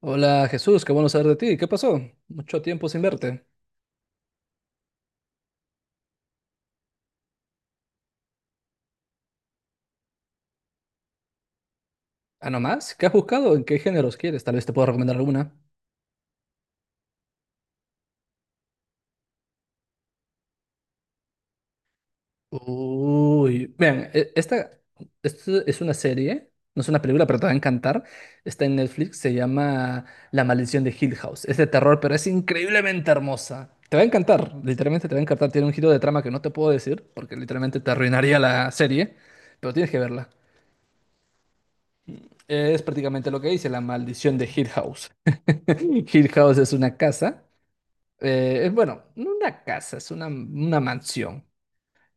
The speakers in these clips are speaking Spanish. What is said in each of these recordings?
Hola Jesús, qué bueno saber de ti. ¿Qué pasó? Mucho tiempo sin verte. ¿Ah, no más? ¿Qué has buscado? ¿En qué géneros quieres? Tal vez te puedo recomendar alguna. Uy, vean, esto es una serie, no es una película, pero te va a encantar. Está en Netflix, se llama La maldición de Hill House. Es de terror, pero es increíblemente hermosa. Te va a encantar, literalmente te va a encantar. Tiene un giro de trama que no te puedo decir, porque literalmente te arruinaría la serie, pero tienes que verla. Es prácticamente lo que dice, La maldición de Hill House. Hill House es una casa. Es bueno, no una casa, es una mansión.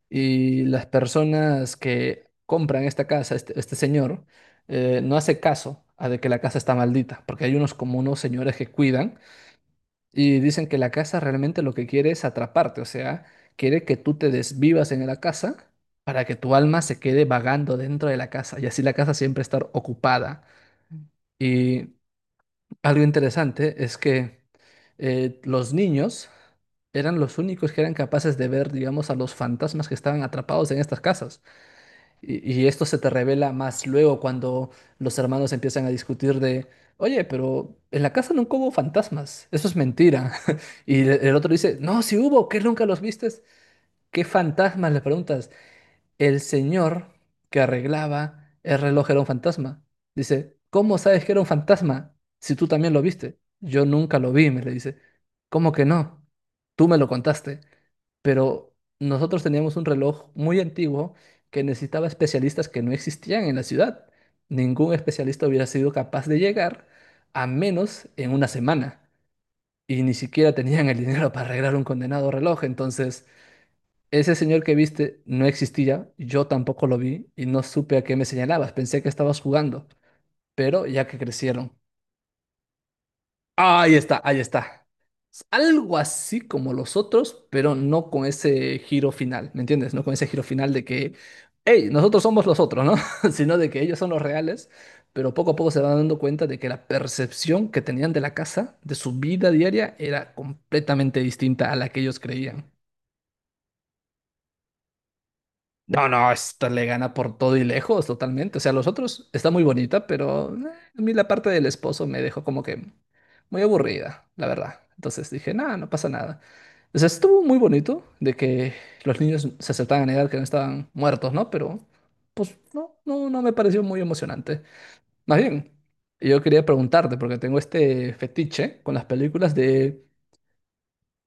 Y las personas que compran esta casa, este señor, no hace caso a de que la casa está maldita, porque hay unos como unos señores que cuidan y dicen que la casa realmente lo que quiere es atraparte, o sea, quiere que tú te desvivas en la casa para que tu alma se quede vagando dentro de la casa y así la casa siempre estar ocupada. Y algo interesante es que los niños eran los únicos que eran capaces de ver, digamos, a los fantasmas que estaban atrapados en estas casas. Y esto se te revela más luego cuando los hermanos empiezan a discutir de, oye, pero en la casa nunca hubo fantasmas, eso es mentira. Y el otro dice, no, sí hubo, ¿qué nunca los vistes? ¿Qué fantasmas? Le preguntas. El señor que arreglaba el reloj era un fantasma. Dice, ¿cómo sabes que era un fantasma si tú también lo viste? Yo nunca lo vi, me le dice. ¿Cómo que no? Tú me lo contaste. Pero nosotros teníamos un reloj muy antiguo que necesitaba especialistas que no existían en la ciudad. Ningún especialista hubiera sido capaz de llegar a menos en una semana. Y ni siquiera tenían el dinero para arreglar un condenado reloj. Entonces... Ese señor que viste no existía, yo tampoco lo vi y no supe a qué me señalabas. Pensé que estabas jugando, pero ya que crecieron. Ahí está, ahí está. Es algo así como los otros, pero no con ese giro final, ¿me entiendes? No con ese giro final de que, hey, nosotros somos los otros, ¿no? Sino de que ellos son los reales, pero poco a poco se van dando cuenta de que la percepción que tenían de la casa, de su vida diaria, era completamente distinta a la que ellos creían. No, no, esta le gana por todo y lejos, totalmente. O sea, los otros está muy bonita, pero a mí la parte del esposo me dejó como que muy aburrida, la verdad. Entonces dije, nada, no pasa nada. O sea, estuvo muy bonito de que los niños se aceptaban a negar que no estaban muertos, ¿no? Pero, pues, no, no, no me pareció muy emocionante. Más bien, yo quería preguntarte, porque tengo este fetiche con las películas de,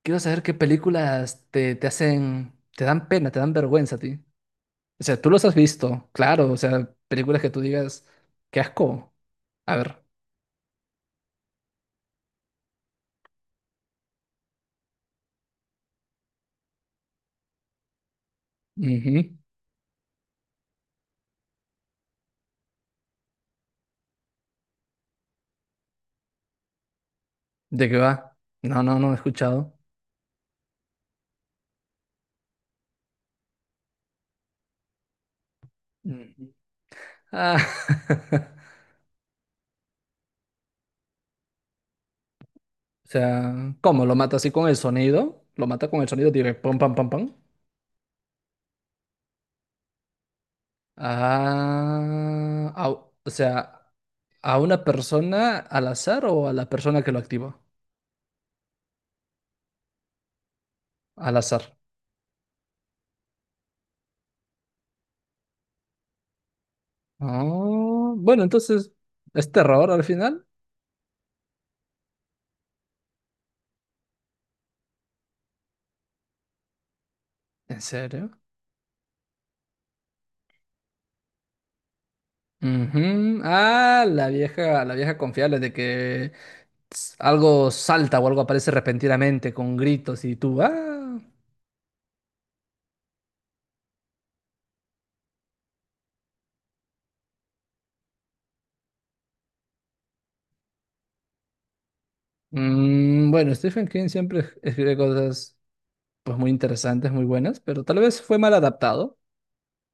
quiero saber qué películas te hacen, te dan pena, te dan vergüenza a ti. O sea, tú los has visto, claro, o sea, películas que tú digas, qué asco. A ver, ujú, ¿de qué va? No, no, no he escuchado. Ujú. Ah, o sea, ¿cómo? ¿Lo mata así con el sonido? ¿Lo mata con el sonido? Diré, pam, pam, pam, pam. Ah, o sea, ¿a una persona al azar o a la persona que lo activa? Al azar. Ah, bueno, entonces, ¿es terror al final? ¿En serio? Ujú. Ah, la vieja confiable de que algo salta o algo aparece repentinamente con gritos y tú, ah. Mm, bueno, Stephen King siempre escribe cosas pues muy interesantes, muy buenas, pero tal vez fue mal adaptado.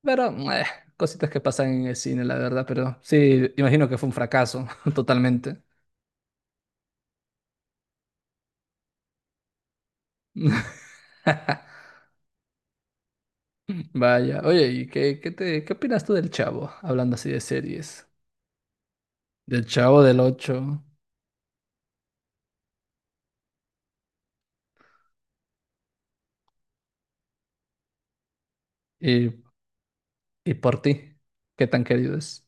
Pero cositas que pasan en el cine, la verdad, pero sí, imagino que fue un fracaso totalmente. Vaya, oye, ¿y qué opinas tú del Chavo? Hablando así de series. Del Chavo del 8. Y por ti, ¿qué tan querido es?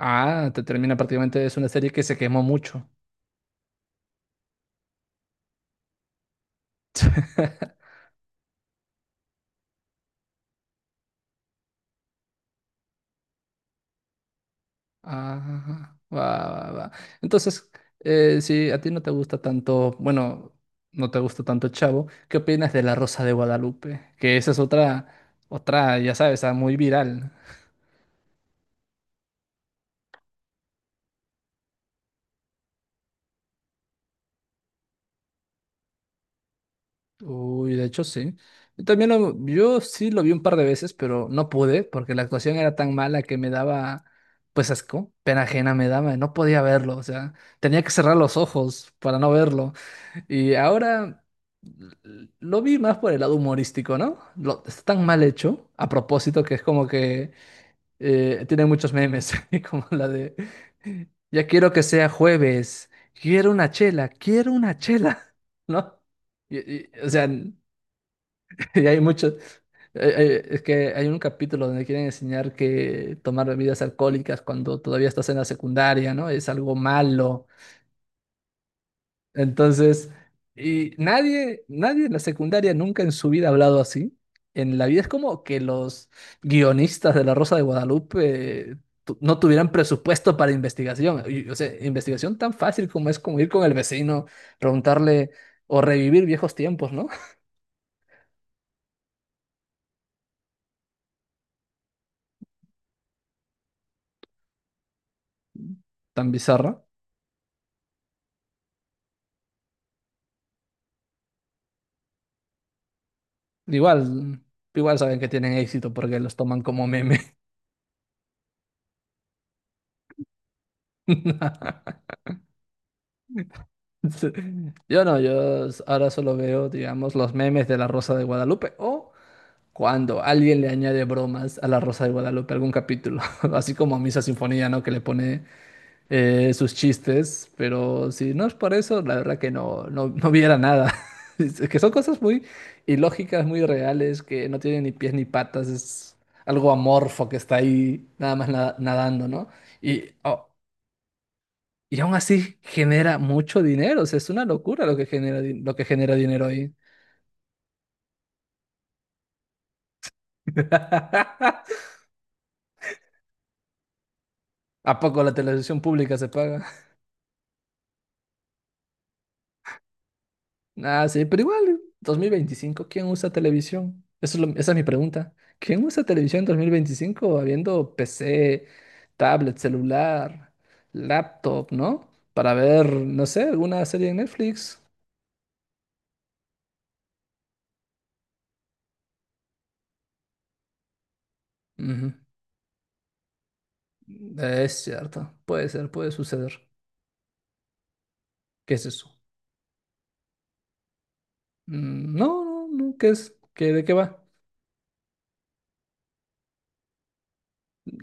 Ah, te termina prácticamente, es una serie que se quemó mucho. Ah, va, va, va. Entonces, si a ti no te gusta tanto, bueno, no te gusta tanto Chavo, ¿qué opinas de La Rosa de Guadalupe? Que esa es otra, ya sabes, ah, muy viral. Uy, de hecho sí. Yo sí lo vi un par de veces, pero no pude porque la actuación era tan mala que me daba, pues asco, pena ajena me daba, no podía verlo, o sea, tenía que cerrar los ojos para no verlo. Y ahora lo vi más por el lado humorístico, ¿no? Está tan mal hecho, a propósito, que es como que tiene muchos memes, y como la de, ya quiero que sea jueves, quiero una chela, ¿no? Y- o sea... Y hay muchos, es que hay un capítulo donde quieren enseñar que tomar bebidas alcohólicas cuando todavía estás en la secundaria, ¿no? Es algo malo. Entonces, y nadie, nadie en la secundaria nunca en su vida ha hablado así. En la vida es como que los guionistas de La Rosa de Guadalupe no tuvieran presupuesto para investigación. Y, o sea, investigación tan fácil como es como ir con el vecino, preguntarle o revivir viejos tiempos, ¿no? Tan bizarro. Igual, igual saben que tienen éxito porque los toman como meme. Sí. Yo no, yo s- Ahora solo veo, digamos, los memes de La Rosa de Guadalupe o cuando alguien le añade bromas a La Rosa de Guadalupe algún capítulo, así como a Misa Sinfonía, ¿no? Que le pone sus chistes, pero si no es por eso, la verdad que no, no, no viera nada. Es que son cosas muy ilógicas, muy reales, que no tienen ni pies ni patas, es algo amorfo que está ahí nada más nadando, ¿no? Y, oh, y aún así genera mucho dinero, o sea, es una locura lo que genera, lo que genera dinero ahí. ¿A poco la televisión pública se paga? Ah, sí, pero igual, 2025, ¿quién usa televisión? Eso es esa es mi pregunta. ¿Quién usa televisión en 2025 habiendo PC, tablet, celular, laptop, ¿no? Para ver, no sé, alguna serie en Netflix. Ujú. Es cierto, puede ser, puede suceder. ¿Qué es eso? Mm, no, no, no, ¿qué es? ¿ De qué va?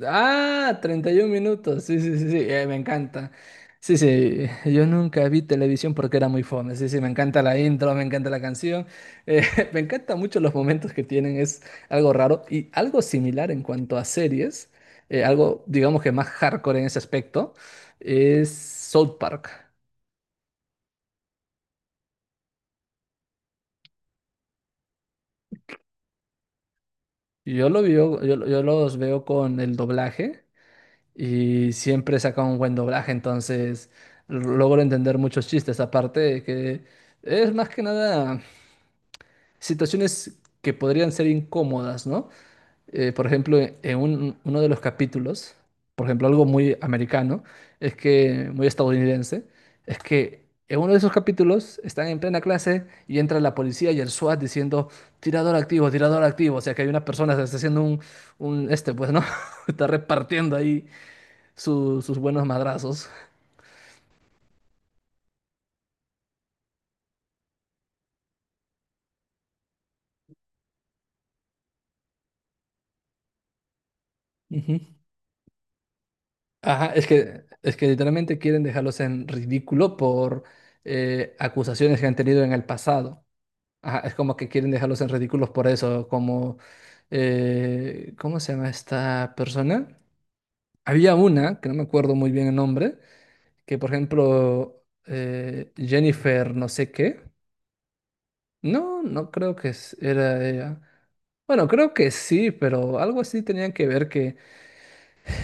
Ah, 31 minutos. Sí, sí, sí, sí, me encanta. Sí, sí, yo nunca vi televisión porque era muy fome. Sí, sí, me encanta la intro, me encanta la canción. eh, Me encantan mucho los momentos que tienen, es algo raro y algo similar en cuanto a series, algo digamos que más hardcore en ese aspecto, es South Park. Yo lo veo, yo los veo con el doblaje. Y siempre saca un buen doblaje, entonces logro entender muchos chistes, aparte de que es más que nada situaciones que podrían ser incómodas, ¿no? Por ejemplo, uno de los capítulos, por ejemplo, algo muy americano, es que, muy estadounidense, es que en uno de esos capítulos están en plena clase y entra la policía y el SWAT diciendo, tirador activo, o sea que hay una persona que está haciendo un, este, pues, ¿no? Está repartiendo ahí sus buenos madrazos. Ujú. Ajá, es que literalmente quieren dejarlos en ridículo por acusaciones que han tenido en el pasado. Ajá, es como que quieren dejarlos en ridículos por eso, como, ¿cómo se llama esta persona? Había una, que no me acuerdo muy bien el nombre, que por ejemplo, Jennifer no sé qué. No, no creo que era ella. Bueno, creo que sí, pero algo así tenían que ver que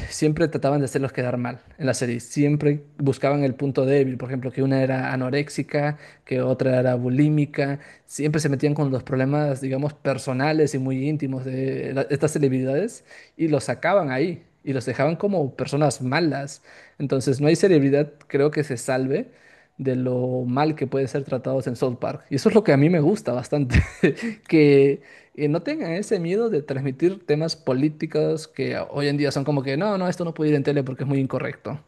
siempre trataban de hacerlos quedar mal en la serie. Siempre buscaban el punto débil. Por ejemplo, que una era anoréxica, que otra era bulímica. Siempre se metían con los problemas, digamos, personales y muy íntimos de estas celebridades y los sacaban ahí y los dejaban como personas malas. Entonces, no hay celebridad, creo que se salve de lo mal que pueden ser tratados en South Park. Y eso es lo que a mí me gusta bastante, que y no tengan ese miedo de transmitir temas políticos que hoy en día son como que, no, no, esto no puede ir en tele porque es muy incorrecto.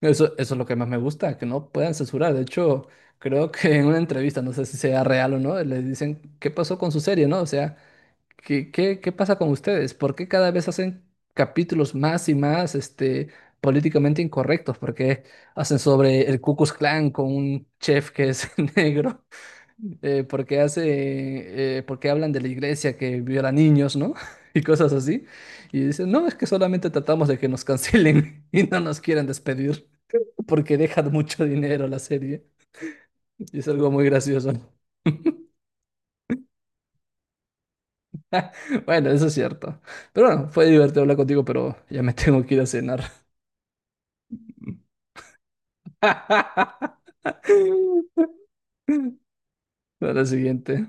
Eso es lo que más me gusta, que no puedan censurar. De hecho, creo que en una entrevista, no sé si sea real o no, les dicen, ¿qué pasó con su serie, no? O sea, ¿qué pasa con ustedes? ¿Por qué cada vez hacen capítulos más y más, políticamente incorrectos? ¿Por qué hacen sobre el Ku Klux Klan con un chef que es negro? Porque hablan de la iglesia que viola niños, ¿no? Y cosas así. Y dicen, no, es que solamente tratamos de que nos cancelen y no nos quieran despedir, porque dejan mucho dinero la serie. Y es algo muy gracioso. Bueno, eso es cierto. Pero bueno, fue divertido hablar contigo, pero ya me tengo que ir a cenar. Para la siguiente.